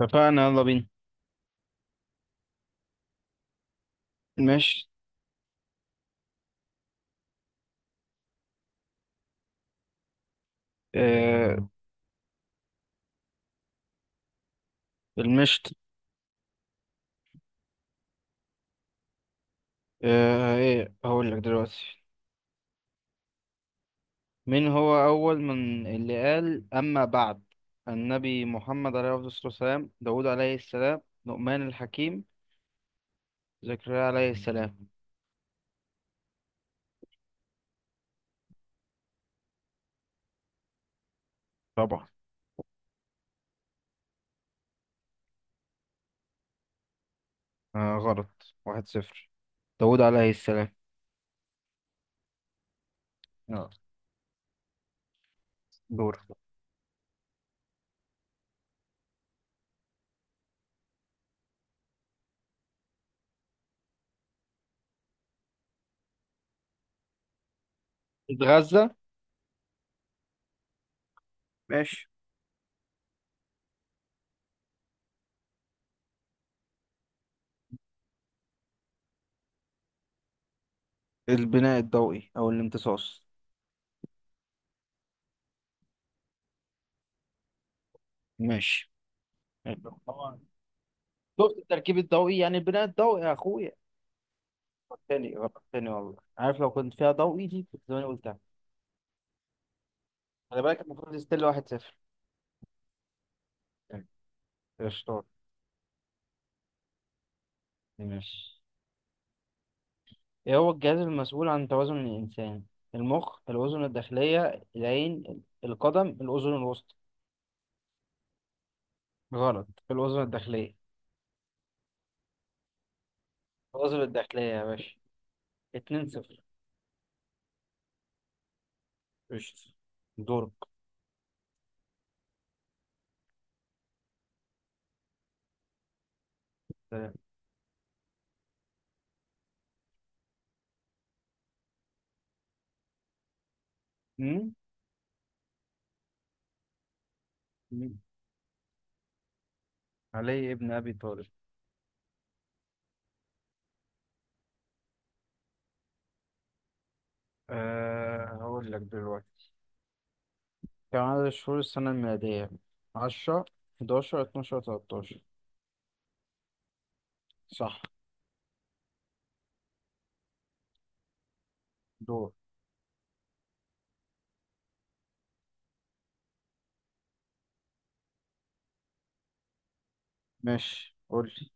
اتفقنا، يلا بينا. مشت. آه. المشت. آه، ايه هقول لك دلوقتي. مين هو اول من اللي قال اما بعد؟ النبي محمد عليه الصلاة والسلام، داود عليه السلام، لقمان الحكيم، زكريا عليه السلام. طبعا. آه، غلط. 1-0. داود عليه السلام. يلا دور. اتغذى. ماشي. البناء الضوئي او الامتصاص. ماشي. شفت؟ التركيب الضوئي يعني البناء الضوئي يا اخويا. تاني غلط تاني، والله عارف لو كنت فيها ضوئي دي كنت زماني قلتها. خلي بالك، المفروض ستيل. 1-0. قشطات. ماشي. ايه هو الجهاز المسؤول عن توازن الإنسان؟ المخ، الأذن الداخلية، العين، القدم، الأذن الوسطى. غلط، الأذن الداخلية. الأذن الداخلية يا باشا. 2-0. قشطة. دورك. سلام. مم؟ مم. علي ابن أبي طالب. أه، هقول لك دلوقتي. كم عدد شهور السنة الميلادية؟ 10، 11، 12، 13 صح. دور. ماشي، قول لي.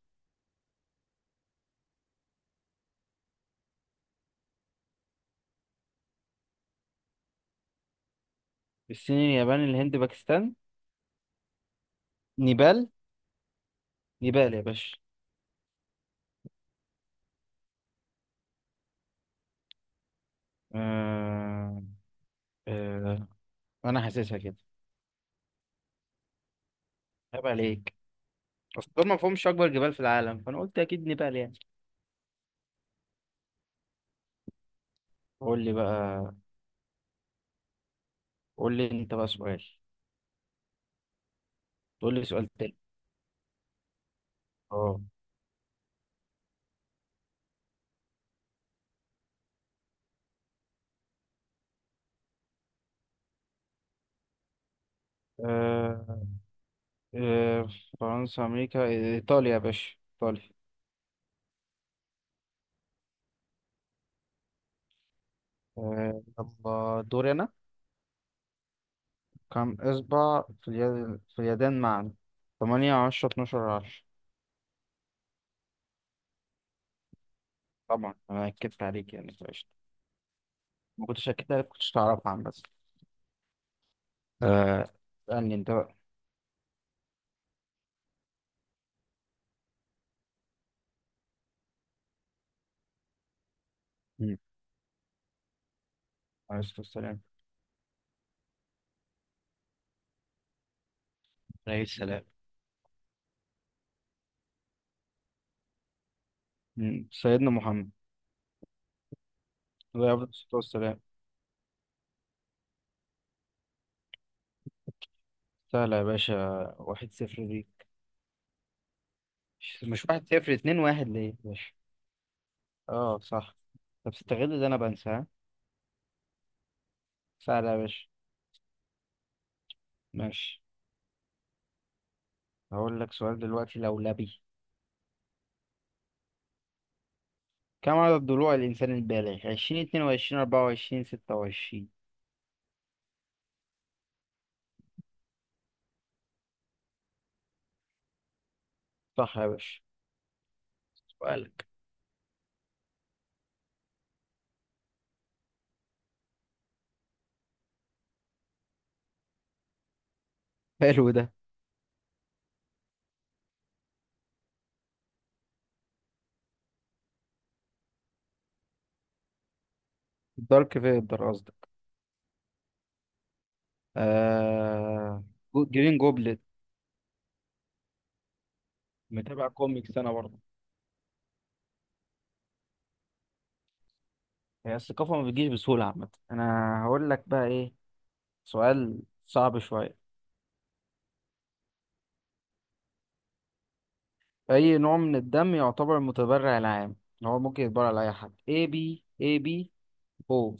الصين، اليابان، الهند، باكستان، نيبال. نيبال يا باشا. آه... آه... انا حاسسها كده. عيب عليك. اصل دول ما فيهمش اكبر جبال في العالم، فانا قلت اكيد نيبال يعني. قول لي بقى. قول لي انت بقى سؤال. قول لي سؤال تاني. اه. آه، آه، فرنسا، امريكا، ايطاليا يا باشا، ايطاليا. آه، يلا دوري انا. كم اصبع في اليد، في اليدين معا؟ 8، 10، 12، 10. طبعا انا اكدت عليك يعني فقشطة. ما كنتش اكدت عليك كنتش تعرفها عن بس. آه. اسألني انت بقى. مم. عليه الصلاة والسلام. عليه السلام. مم. سيدنا محمد عليه أفضل الصلاة والسلام. سهلة يا باشا. 1-0 دي. مش 1-0، 2-1 ليه يا باشا. اه صح. طب استغل اللي أنا بنسى ها. سهلة يا باشا. ماشي. هقول لك سؤال دلوقتي لولبي. كم عدد ضلوع الإنسان البالغ؟ 20، 22، 24، 26 صح يا باشا. سؤالك. حلو ده. الدارك في الدراسة. آه... جرين جوبلت. متابع كوميكس انا برضه. هي الثقافة ما بتجيش بسهولة عامة. انا هقول لك بقى ايه. سؤال صعب شوية. اي نوع من الدم يعتبر المتبرع العام اللي هو ممكن يتبرع لأي حد؟ A B، A B، O.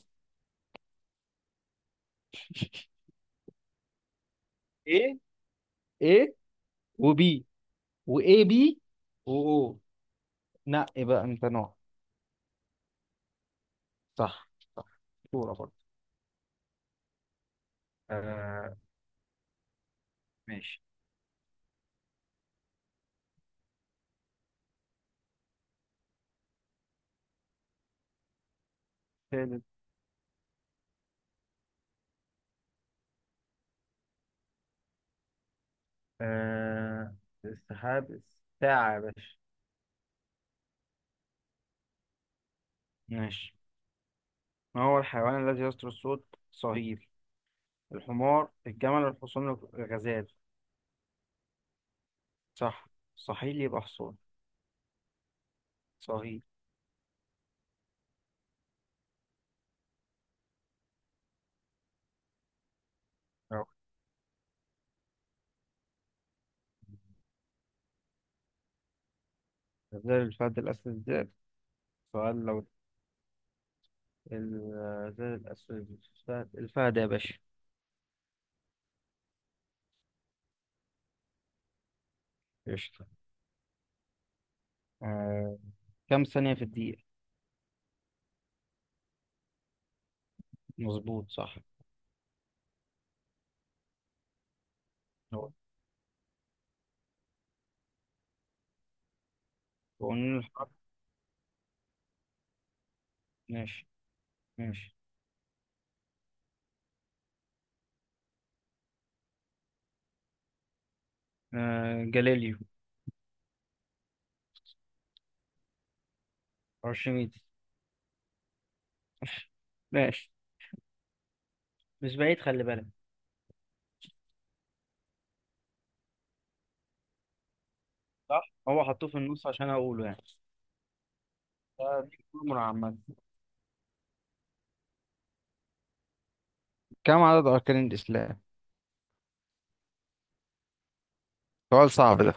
ايه. A وبي وA B وO. نقي بقى انت نوع. صح. صح. صورة برضه. آه. ماشي. تالت. آه، السحاب، الساعة يا باشا. ماشي. ما هو الحيوان الذي يصدر الصوت صهيل؟ الحمار، الجمل، الحصان، الغزال. صح، صهيل يبقى حصان. صهيل. أهو. غزال، الفهد، الأسد، الذئب. سؤال لو. الغزال، الأسد، الفهد. الفهد يا باشا. قشطة. آه. كم ثانية في الدقيقة؟ مظبوط، صح. هو وقانون الحرب. ماشي. ماشي. آه، جاليليو، أرشميدس. ماشي، مش بعيد، خلي بالك. صح، هو حطوه في النص عشان أقوله يعني. آه، دي أمور عامة. كم عدد أركان الإسلام؟ سؤال صعب ده.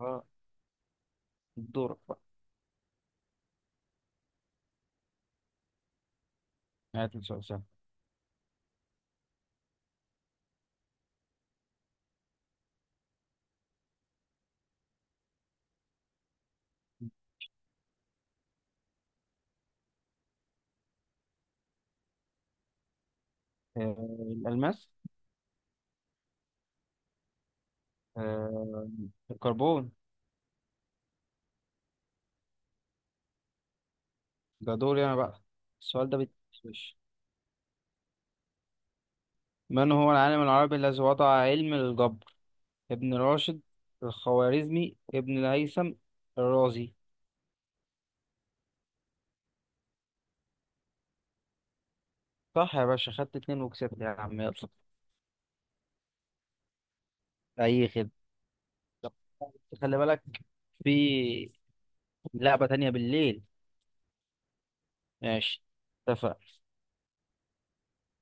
اه. دورك بقى. هات لي سؤال سهل. آه، الألماس. آه، الكربون. ده دوري أنا بقى. السؤال ده بيتفش. من هو العالم العربي الذي وضع علم الجبر؟ ابن راشد، الخوارزمي، ابن الهيثم، الرازي. صح يا باشا، خدت اتنين وكسبت يا عم، يلا. أي خدمة. طب، خلي بالك، في لعبة تانية بالليل. ماشي، اتفق.